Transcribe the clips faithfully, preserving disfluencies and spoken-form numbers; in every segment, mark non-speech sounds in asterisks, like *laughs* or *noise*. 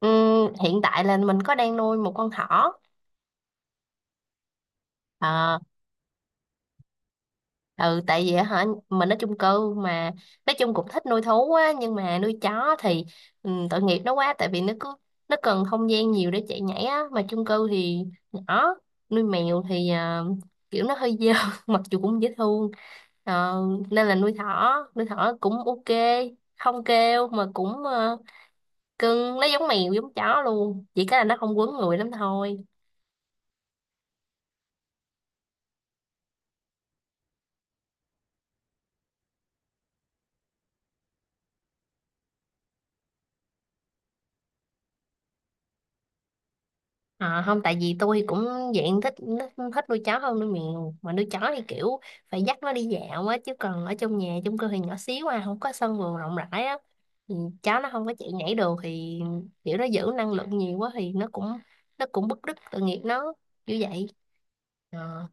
Ừm, hiện tại là mình có đang nuôi một con thỏ. Ờ, ừ Tại vì hả, mình ở chung cư mà, nói chung cũng thích nuôi thú á, nhưng mà nuôi chó thì ừm, tội nghiệp nó quá, tại vì nó cứ... nó cần không gian nhiều để chạy nhảy á, mà chung cư thì nhỏ. Nuôi mèo thì ờ, kiểu nó hơi dơ *laughs* mặc dù cũng dễ thương. Ờ, Nên là nuôi thỏ. Nuôi thỏ cũng ok, không kêu mà cũng ờ, cưng nó giống mèo giống chó luôn, chỉ cái là nó không quấn người lắm thôi. À, không, tại vì tôi cũng dạng thích thích thích nuôi chó hơn nuôi mèo, mà nuôi chó thì kiểu phải dắt nó đi dạo á, chứ còn ở trong nhà chung cư thì nhỏ xíu à, không có sân vườn rộng rãi á, thì chó nó không có chạy nhảy được, thì kiểu nó giữ năng lượng nhiều quá thì nó cũng nó cũng bứt rứt, tội nghiệp nó như vậy. Ờ,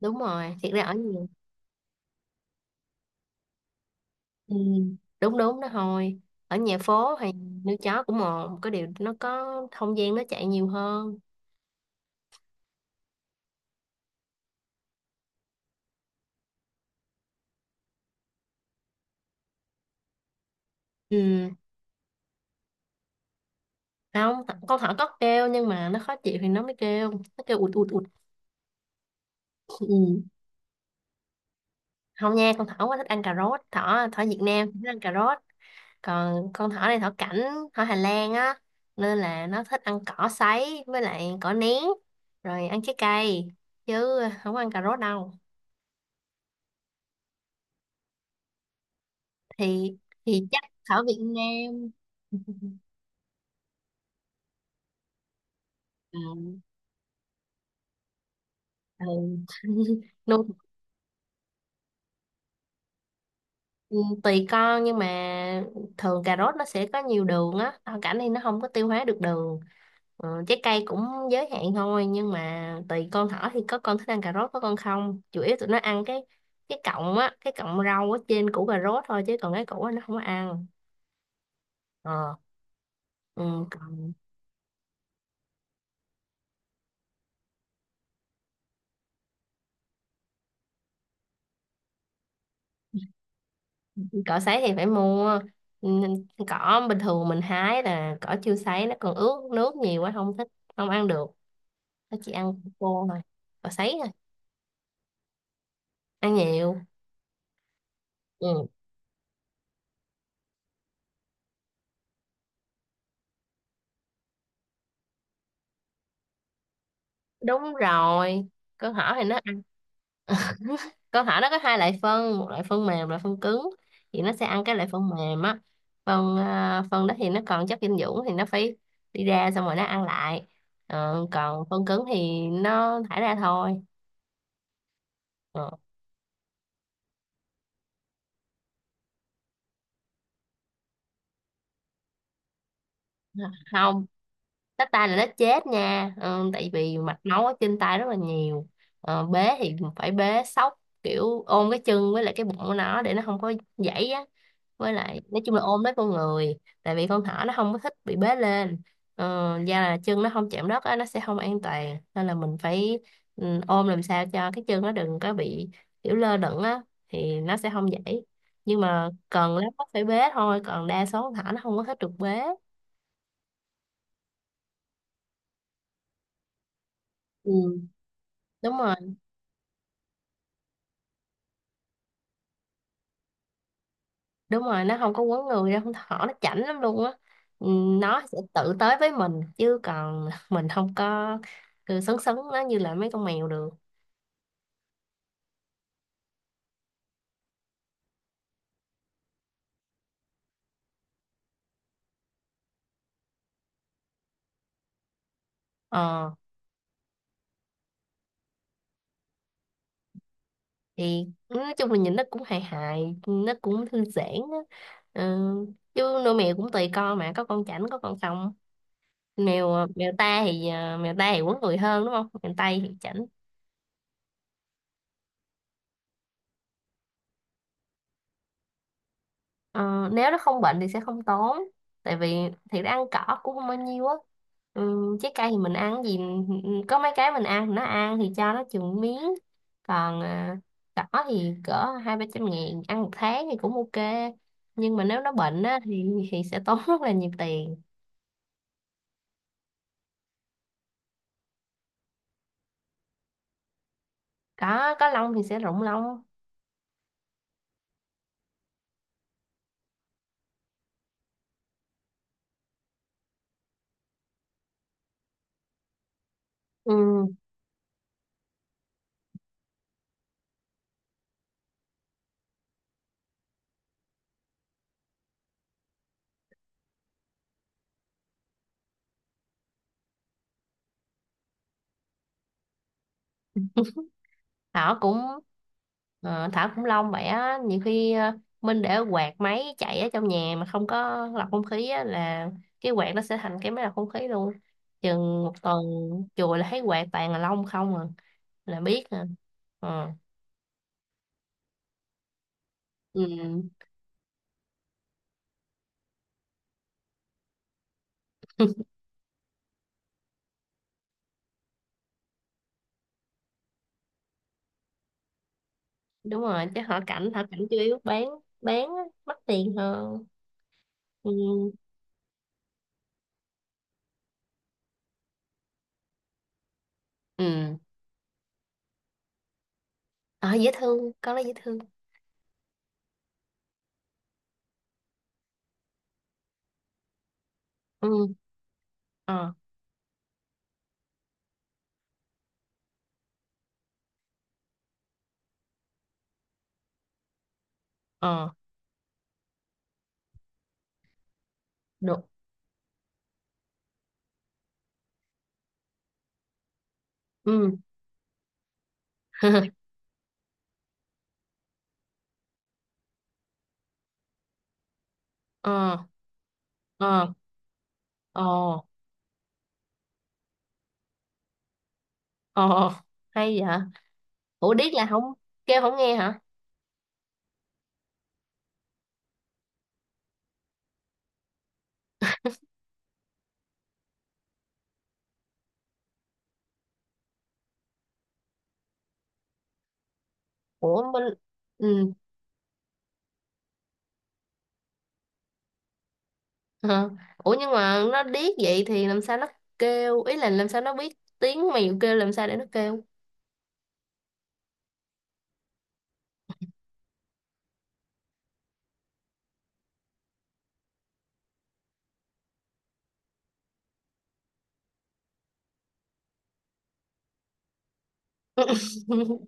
Đúng rồi, thiệt ra ở nhà, ừ, đúng đúng đó thôi, ở nhà phố hay nuôi chó cũng một có điều nó có không gian, nó chạy nhiều hơn. Ừ. Không, th- con thỏ có kêu, nhưng mà nó khó chịu thì nó mới kêu, nó kêu ụt ụt ụt. Ừ. Không nha, con thỏ quá thích ăn cà rốt, thỏ thỏ Việt Nam thích ăn cà rốt. Còn con thỏ này thỏ cảnh, thỏ Hà Lan á, nên là nó thích ăn cỏ sấy với lại cỏ nén, rồi ăn trái cây chứ không ăn cà rốt đâu. Thì thì chắc thỏ Việt Nam. *laughs* Ừ. Ừ. *laughs* Nuôi. Ừ, tùy con, nhưng mà thường cà rốt nó sẽ có nhiều đường á, rau cảnh thì nó không có tiêu hóa được đường. Ừ, trái cây cũng giới hạn thôi, nhưng mà tùy con thỏ thì có con thích ăn cà rốt, có con không. Chủ yếu tụi nó ăn cái cái cọng á, cái cọng rau ở trên củ cà rốt thôi, chứ còn cái củ á nó không có ăn. ờ ừ, Còn cỏ sấy thì phải mua. Ừ, cỏ bình thường mình hái là cỏ chưa sấy, nó còn ướt nước nhiều quá không thích, không ăn được, nó chỉ ăn khô thôi, cỏ sấy thôi. Ăn nhiều. Ừ, đúng rồi, câu hỏi thì nó câu hỏi nó có hai loại phân, một loại phân mềm, loại phân cứng, thì nó sẽ ăn cái loại phân mềm á. Phân à, phân đó thì nó còn chất dinh dưỡng thì nó phải đi ra xong rồi nó ăn lại. Ờ, còn phân cứng thì nó thải ra thôi. Ờ, Không, tách tay là nó chết nha. Ờ, Tại vì mạch máu ở trên tay rất là nhiều. Ờ, bế thì phải bế sóc, kiểu ôm cái chân với lại cái bụng của nó để nó không có gãy á, với lại nói chung là ôm lấy con người, tại vì con thỏ nó không có thích bị bế lên. Ờ, da là chân nó không chạm đất á, nó sẽ không an toàn, nên là mình phải, ừ, ôm làm sao cho cái chân nó đừng có bị kiểu lơ lửng á, thì nó sẽ không dễ. Nhưng mà cần lắm nó phải bế thôi, còn đa số con thỏ nó không có thích được bế. Ừ, đúng rồi đúng rồi, nó không có quấn người đâu, con thỏ nó chảnh lắm luôn á. Ừ, nó sẽ tự tới với mình, chứ còn *laughs* mình không có cứ sấn sấn nó như là mấy con mèo được. Ờ thì nói chung là nhìn nó cũng hài hài, nó cũng thư giãn á. Ừ. Chứ nuôi mèo cũng tùy con, mà có con chảnh có con không. Mèo mèo ta thì à, Mèo ta thì quấn người hơn đúng không, mèo tây thì chảnh. Ờ, Nếu nó không bệnh thì sẽ không tốn, tại vì thiệt ra ăn cỏ cũng không bao nhiêu á. Ừ, trái cây thì mình ăn cái gì có mấy cái mình ăn, nó ăn thì cho nó chừng miếng. còn à, Cỏ thì cỡ hai ba trăm ngàn ăn một tháng thì cũng ok. Nhưng mà nếu nó bệnh á, thì thì sẽ tốn *laughs* rất là nhiều tiền. có có lông thì sẽ rụng lông. Ừ, Thảo cũng ờ, Thảo cũng long vậy á, nhiều khi ờ, Minh để quạt máy chạy ở trong nhà mà không có lọc không khí á, là cái quạt nó sẽ thành cái máy lọc không khí luôn. Chừng một tuần chùi là thấy quạt toàn là lông không à, là biết à. Ờ. Ừ. Đúng rồi, chứ họ cảnh họ cảnh chủ yếu bán, bán á, mắc tiền hơn. Ừ. ừ ờ, dễ thương, con nó dễ thương. Ừ. Ờ. Ờ. Được. Ừ. *laughs* Ờ. Ờ. Ờ. Ờ. Hay vậy. Ủa, điếc là không kêu, không nghe hả? Ủa bên, ừ, hả? Ủa, nhưng mà nó điếc vậy thì làm sao nó kêu, ý là làm sao nó biết tiếng mèo kêu, làm sao để nó kêu? *laughs*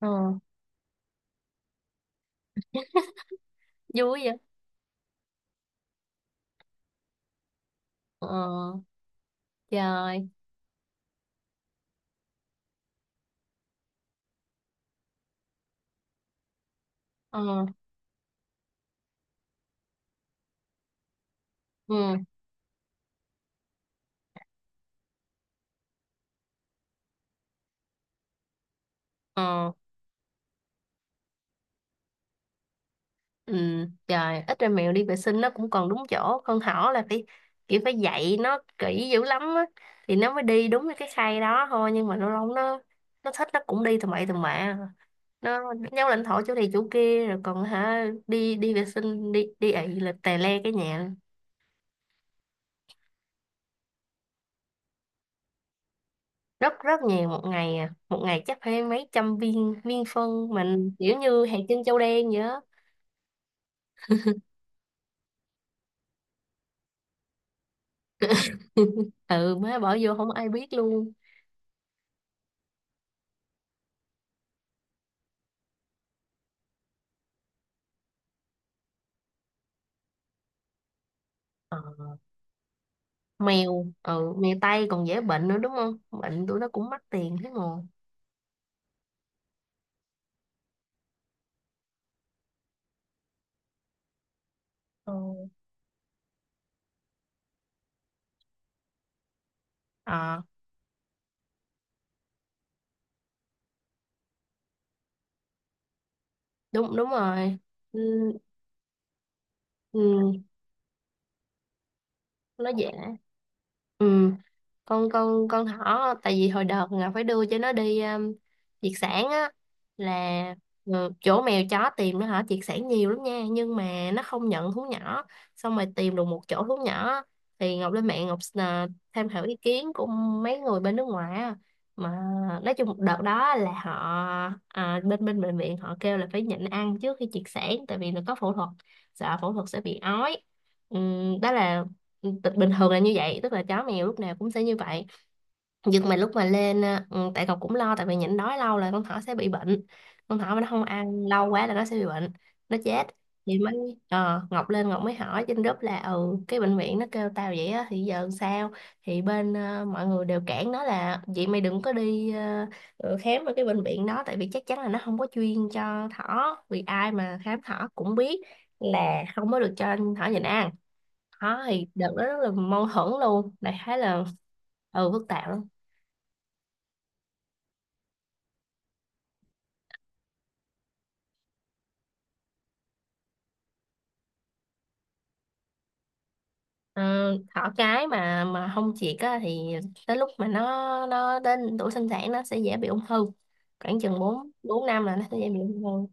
Ờ, vui vậy. Ờ trời. Ờ. Ừ. Ờ. Ừ trời, ít ra mèo đi vệ sinh nó cũng còn đúng chỗ, con thỏ là phải, kiểu phải dạy nó kỹ dữ lắm á, thì nó mới đi đúng cái khay đó thôi. Nhưng mà lâu lâu nó... nó thích nó cũng đi tầm bậy tầm bạ, nó nhau lãnh thổ chỗ này chỗ kia rồi, còn hả, đi đi vệ sinh, đi đi ị là tè le cái nhà. Rất rất nhiều. Một ngày à, một ngày chắc phải mấy trăm viên, viên phân mình kiểu như hạt trên châu đen vậy á. *laughs* Ừ, má bỏ vô không ai biết luôn. Ờ, mèo ừ Mèo Tây còn dễ bệnh nữa đúng không, bệnh tụi nó cũng mắc tiền thế mà. Ừ. Ờ, đúng đúng rồi. Ừ. Ừ, nó dễ. Ừ. con con con thỏ, tại vì hồi đợt Ngọc phải đưa cho nó đi um, triệt sản á. Là, ừ, chỗ mèo chó tìm nó hả triệt sản nhiều lắm nha, nhưng mà nó không nhận thú nhỏ. Xong rồi tìm được một chỗ thú nhỏ, thì Ngọc lên mạng, Ngọc ờ, tham khảo ý kiến của mấy người bên nước ngoài á. Mà nói chung đợt đó là họ, à, bên bên bệnh viện họ kêu là phải nhịn ăn trước khi triệt sản, tại vì nó có phẫu thuật, sợ phẫu thuật sẽ bị ói. Ừ, đó là, T- bình thường là như vậy, tức là chó mèo lúc nào cũng sẽ như vậy. Nhưng mà lúc mà lên à, ừ, tại cậu cũng lo, tại vì nhịn đói lâu là con thỏ sẽ bị bệnh, con thỏ mà nó không ăn lâu quá là nó sẽ bị bệnh, nó chết. Thì mới, ờ, Ngọc lên, Ngọc mới hỏi trên group là, ừ, cái bệnh viện nó kêu tao vậy á, thì giờ sao? Thì bên ờ, mọi người đều cản nó là, vậy mày đừng có đi ờ, ờ, khám ở cái bệnh viện đó, tại vì chắc chắn là nó không có chuyên cho thỏ, vì ai mà khám thỏ cũng biết là không có được cho thỏ nhịn ăn. Thôi, đợt đó rất là mâu thuẫn luôn. Đại khái là, ừ, phức tạp lắm. Ờ, Thỏ cái mà mà không triệt á thì tới lúc mà nó nó đến tuổi sinh sản, nó sẽ dễ bị ung thư. Khoảng chừng bốn bốn năm là nó sẽ dễ bị ung thư.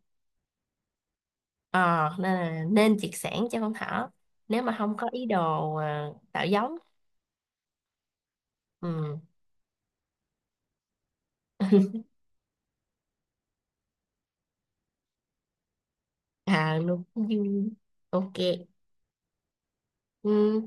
Ờ nên là nên triệt sản cho con thỏ nếu mà không có ý đồ à, tạo giống. Ừ. *laughs* À luôn. Ok. Ừ.